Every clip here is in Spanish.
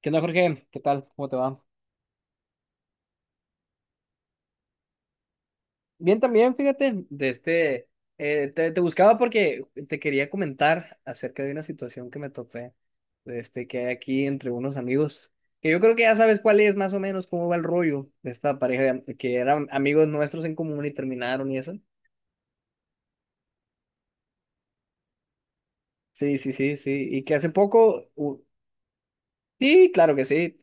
¿Qué onda, Jorge? ¿Qué tal? ¿Cómo te va? Bien también, fíjate, te buscaba porque te quería comentar acerca de una situación que me topé, que hay aquí entre unos amigos, que yo creo que ya sabes cuál es, más o menos cómo va el rollo de esta pareja que eran amigos nuestros en común y terminaron y eso. Sí, sí, sí, sí, y que hace poco, sí, claro que sí.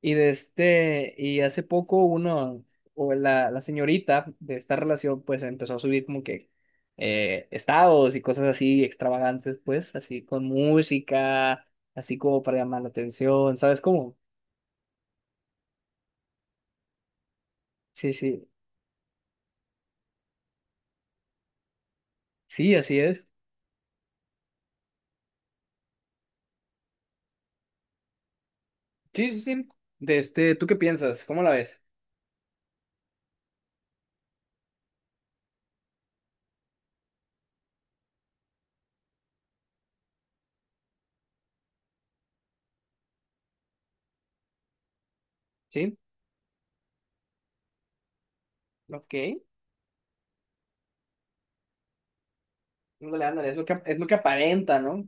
Y hace poco uno, o la señorita de esta relación, pues empezó a subir como que estados y cosas así extravagantes, pues, así con música, así como para llamar la atención, ¿sabes cómo? Sí, sí, sí, así es. Sí, sí, sí. ¿Tú qué piensas? ¿Cómo la ves? Sí, ok. Ándale, ándale, es lo que aparenta, ¿no?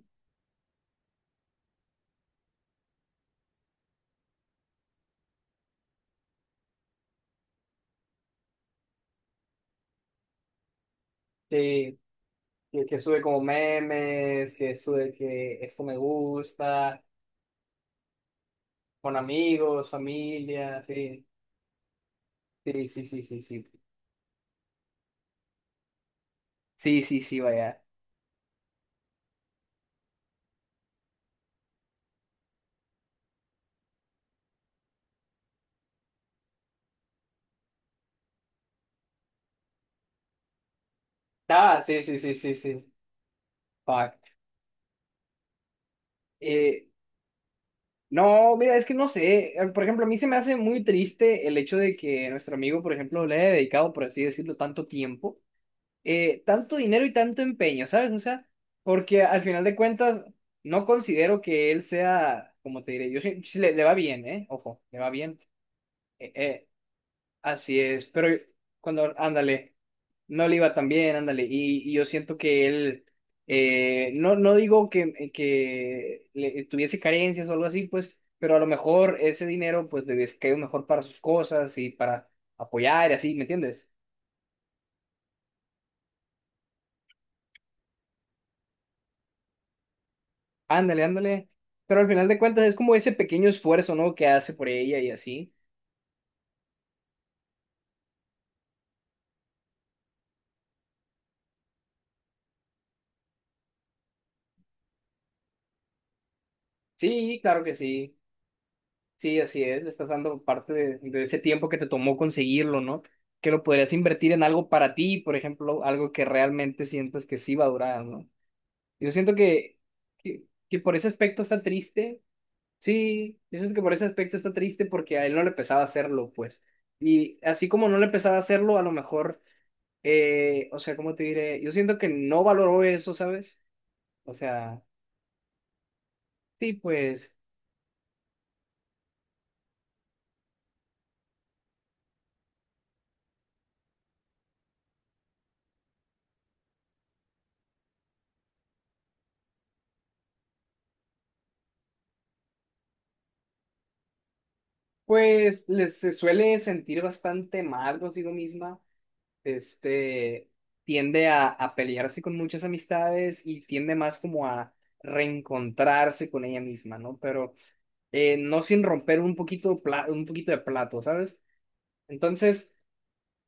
Sí, que sube como memes, que sube que esto me gusta. Con amigos, familia, sí. Sí, sí, sí, sí, sí. Sí, sí, sí, vaya. Ah, sí, sí, sí, sí, sí. Fuck. Eh, no, mira, es que no sé. Por ejemplo, a mí se me hace muy triste el hecho de que nuestro amigo, por ejemplo, le haya dedicado, por así decirlo, tanto tiempo, tanto dinero y tanto empeño, ¿sabes? O sea, porque al final de cuentas, no considero que él sea, como te diré, yo sí, le va bien, ¿eh? Ojo, le va bien. eh eh, Así es, pero ándale, no le iba tan bien, ándale, y yo siento que él, no, no digo que tuviese carencias o algo así, pues, pero a lo mejor ese dinero, pues, le hubiese caído mejor para sus cosas y para apoyar y así, ¿me entiendes? Ándale, ándale, pero al final de cuentas es como ese pequeño esfuerzo, ¿no? Que hace por ella y así. Sí, claro que sí. Sí, así es, le estás dando parte de ese tiempo que te tomó conseguirlo, ¿no? Que lo podrías invertir en algo para ti, por ejemplo, algo que realmente sientas que sí va a durar, ¿no? Yo siento que, que por ese aspecto está triste, sí, yo siento que por ese aspecto está triste porque a él no le pesaba hacerlo, pues. Y así como no le pesaba hacerlo, a lo mejor, o sea, ¿cómo te diré? Yo siento que no valoró eso, ¿sabes? O sea, sí, pues, pues les se suele sentir bastante mal consigo misma, este, tiende a pelearse con muchas amistades y tiende más como a reencontrarse con ella misma, ¿no? Pero no sin romper un poquito, un poquito de plato, ¿sabes? Entonces,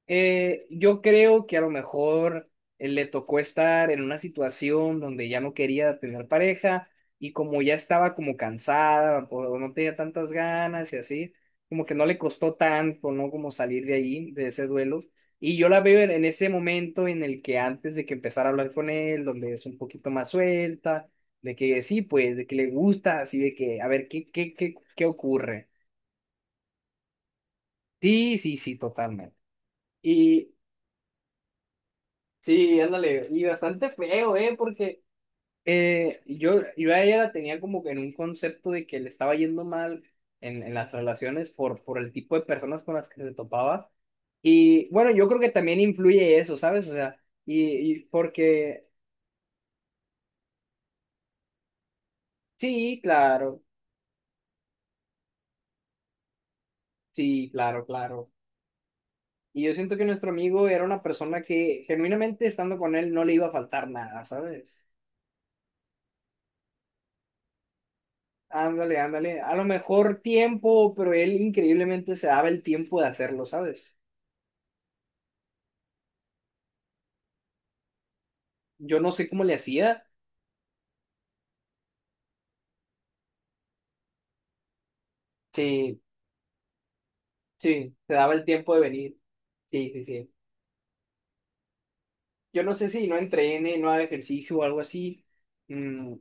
yo creo que a lo mejor le tocó estar en una situación donde ya no quería tener pareja y como ya estaba como cansada o no tenía tantas ganas y así, como que no le costó tanto, ¿no? Como salir de ahí, de ese duelo. Y yo la veo en ese momento en el que antes de que empezara a hablar con él, donde es un poquito más suelta, de que sí, pues, de que le gusta, así de que, a ver, ¿qué, qué, qué, qué ocurre? Sí, sí, sí, totalmente. Y sí, ándale, y bastante feo, ¿eh? Porque yo a ella la tenía como que en un concepto de que le estaba yendo mal en las relaciones por el tipo de personas con las que se topaba. Y bueno, yo creo que también influye eso, ¿sabes? O sea, y porque sí, claro, sí, claro, claro. Y yo siento que nuestro amigo era una persona que genuinamente estando con él no le iba a faltar nada, ¿sabes? Ándale, ándale. A lo mejor tiempo, pero él increíblemente se daba el tiempo de hacerlo, ¿sabes? Yo no sé cómo le hacía. Sí, sí, se daba el tiempo de venir. Sí, sí, sí. Yo no sé si no entrene, no haga ejercicio o algo así, mm,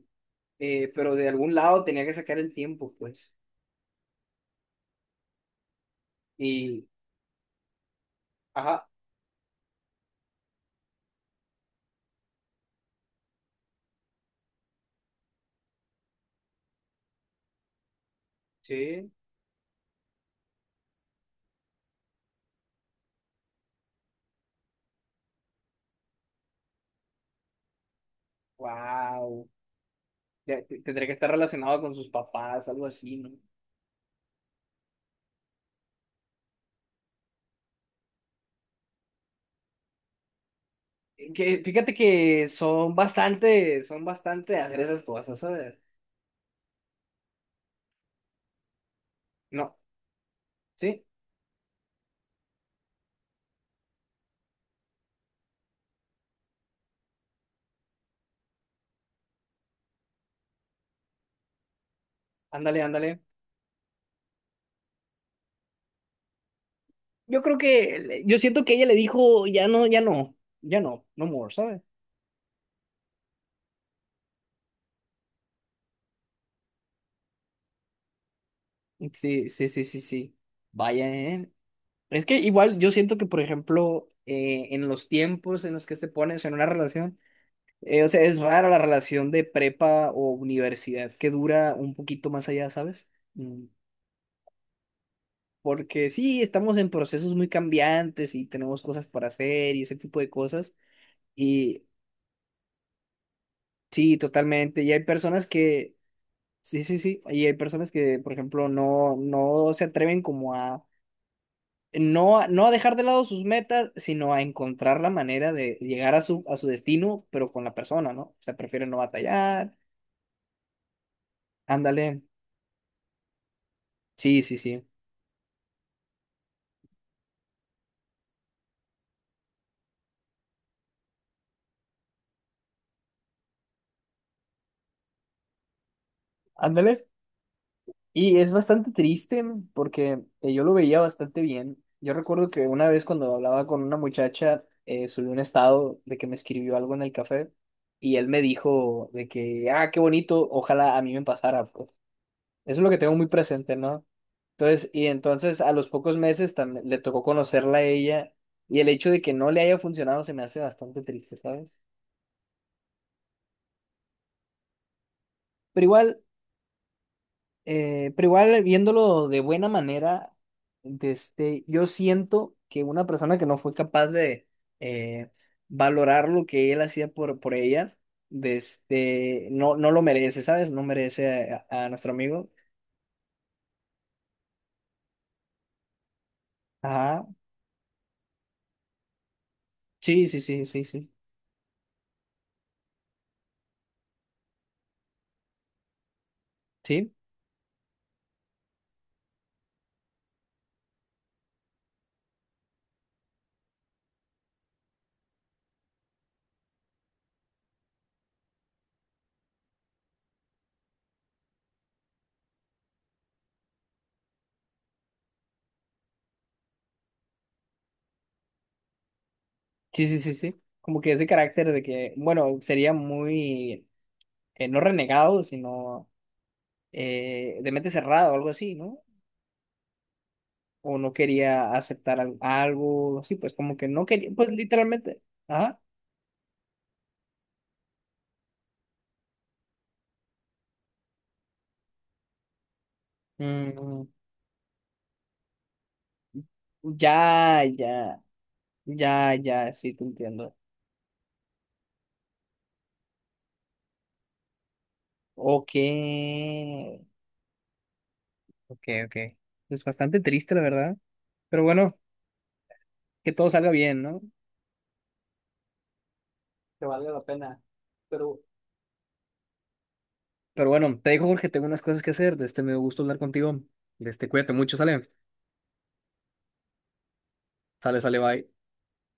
pero de algún lado tenía que sacar el tiempo, pues. Y, ajá, sí, wow. Tendría que estar relacionado con sus papás, algo así, ¿no? Fíjate que son bastante de hacer esas cosas, ¿sabes? No. Sí, ándale, ándale. Yo creo que, yo siento que ella le dijo, ya no, ya no, ya no, no more, ¿sabes? Sí, sí, sí, sí, sí. Vaya, ¿eh? Es que igual yo siento que, por ejemplo, en los tiempos en los que te pones en una relación, o sea, es rara la relación de prepa o universidad que dura un poquito más allá, ¿sabes? Mm, porque sí, estamos en procesos muy cambiantes y tenemos cosas para hacer y ese tipo de cosas. Y sí, totalmente. Y hay personas que sí, sí, sí. Y hay personas que, por ejemplo, no, no se atreven como a no, no a dejar de lado sus metas, sino a encontrar la manera de llegar a su destino, pero con la persona, ¿no? O sea, prefieren no batallar. Ándale. Sí, sí, sí. Ándale. Y es bastante triste porque yo lo veía bastante bien. Yo recuerdo que una vez cuando hablaba con una muchacha, subí un estado de que me escribió algo en el café y él me dijo de que, ah, qué bonito, ojalá a mí me pasara. Pues". Eso es lo que tengo muy presente, ¿no? Entonces, y entonces a los pocos meses también le tocó conocerla a ella y el hecho de que no le haya funcionado se me hace bastante triste, ¿sabes? Pero igual, pero igual viéndolo de buena manera, yo siento que una persona que no fue capaz de eh, valorar lo que él hacía por ella, no, no lo merece, ¿sabes? No merece a nuestro amigo. Ajá, sí, sí, sí, sí, sí. Sí. Sí, sí, sí, sí. Como que ese carácter de que, bueno, sería muy, no renegado, sino de mente cerrada o algo así, ¿no? O no quería aceptar algo, sí, pues como que no quería, pues literalmente, ajá. Mm, ya, ya, ya, ya, sí, te entiendo. Ok, ok, ok. Es bastante triste, la verdad. Pero bueno, que todo salga bien, ¿no? Que valga la pena. Pero Pero bueno, te dejo, Jorge, tengo unas cosas que hacer. De este me dio gusto hablar contigo. De este, cuídate mucho, sale. Sale, sale, bye.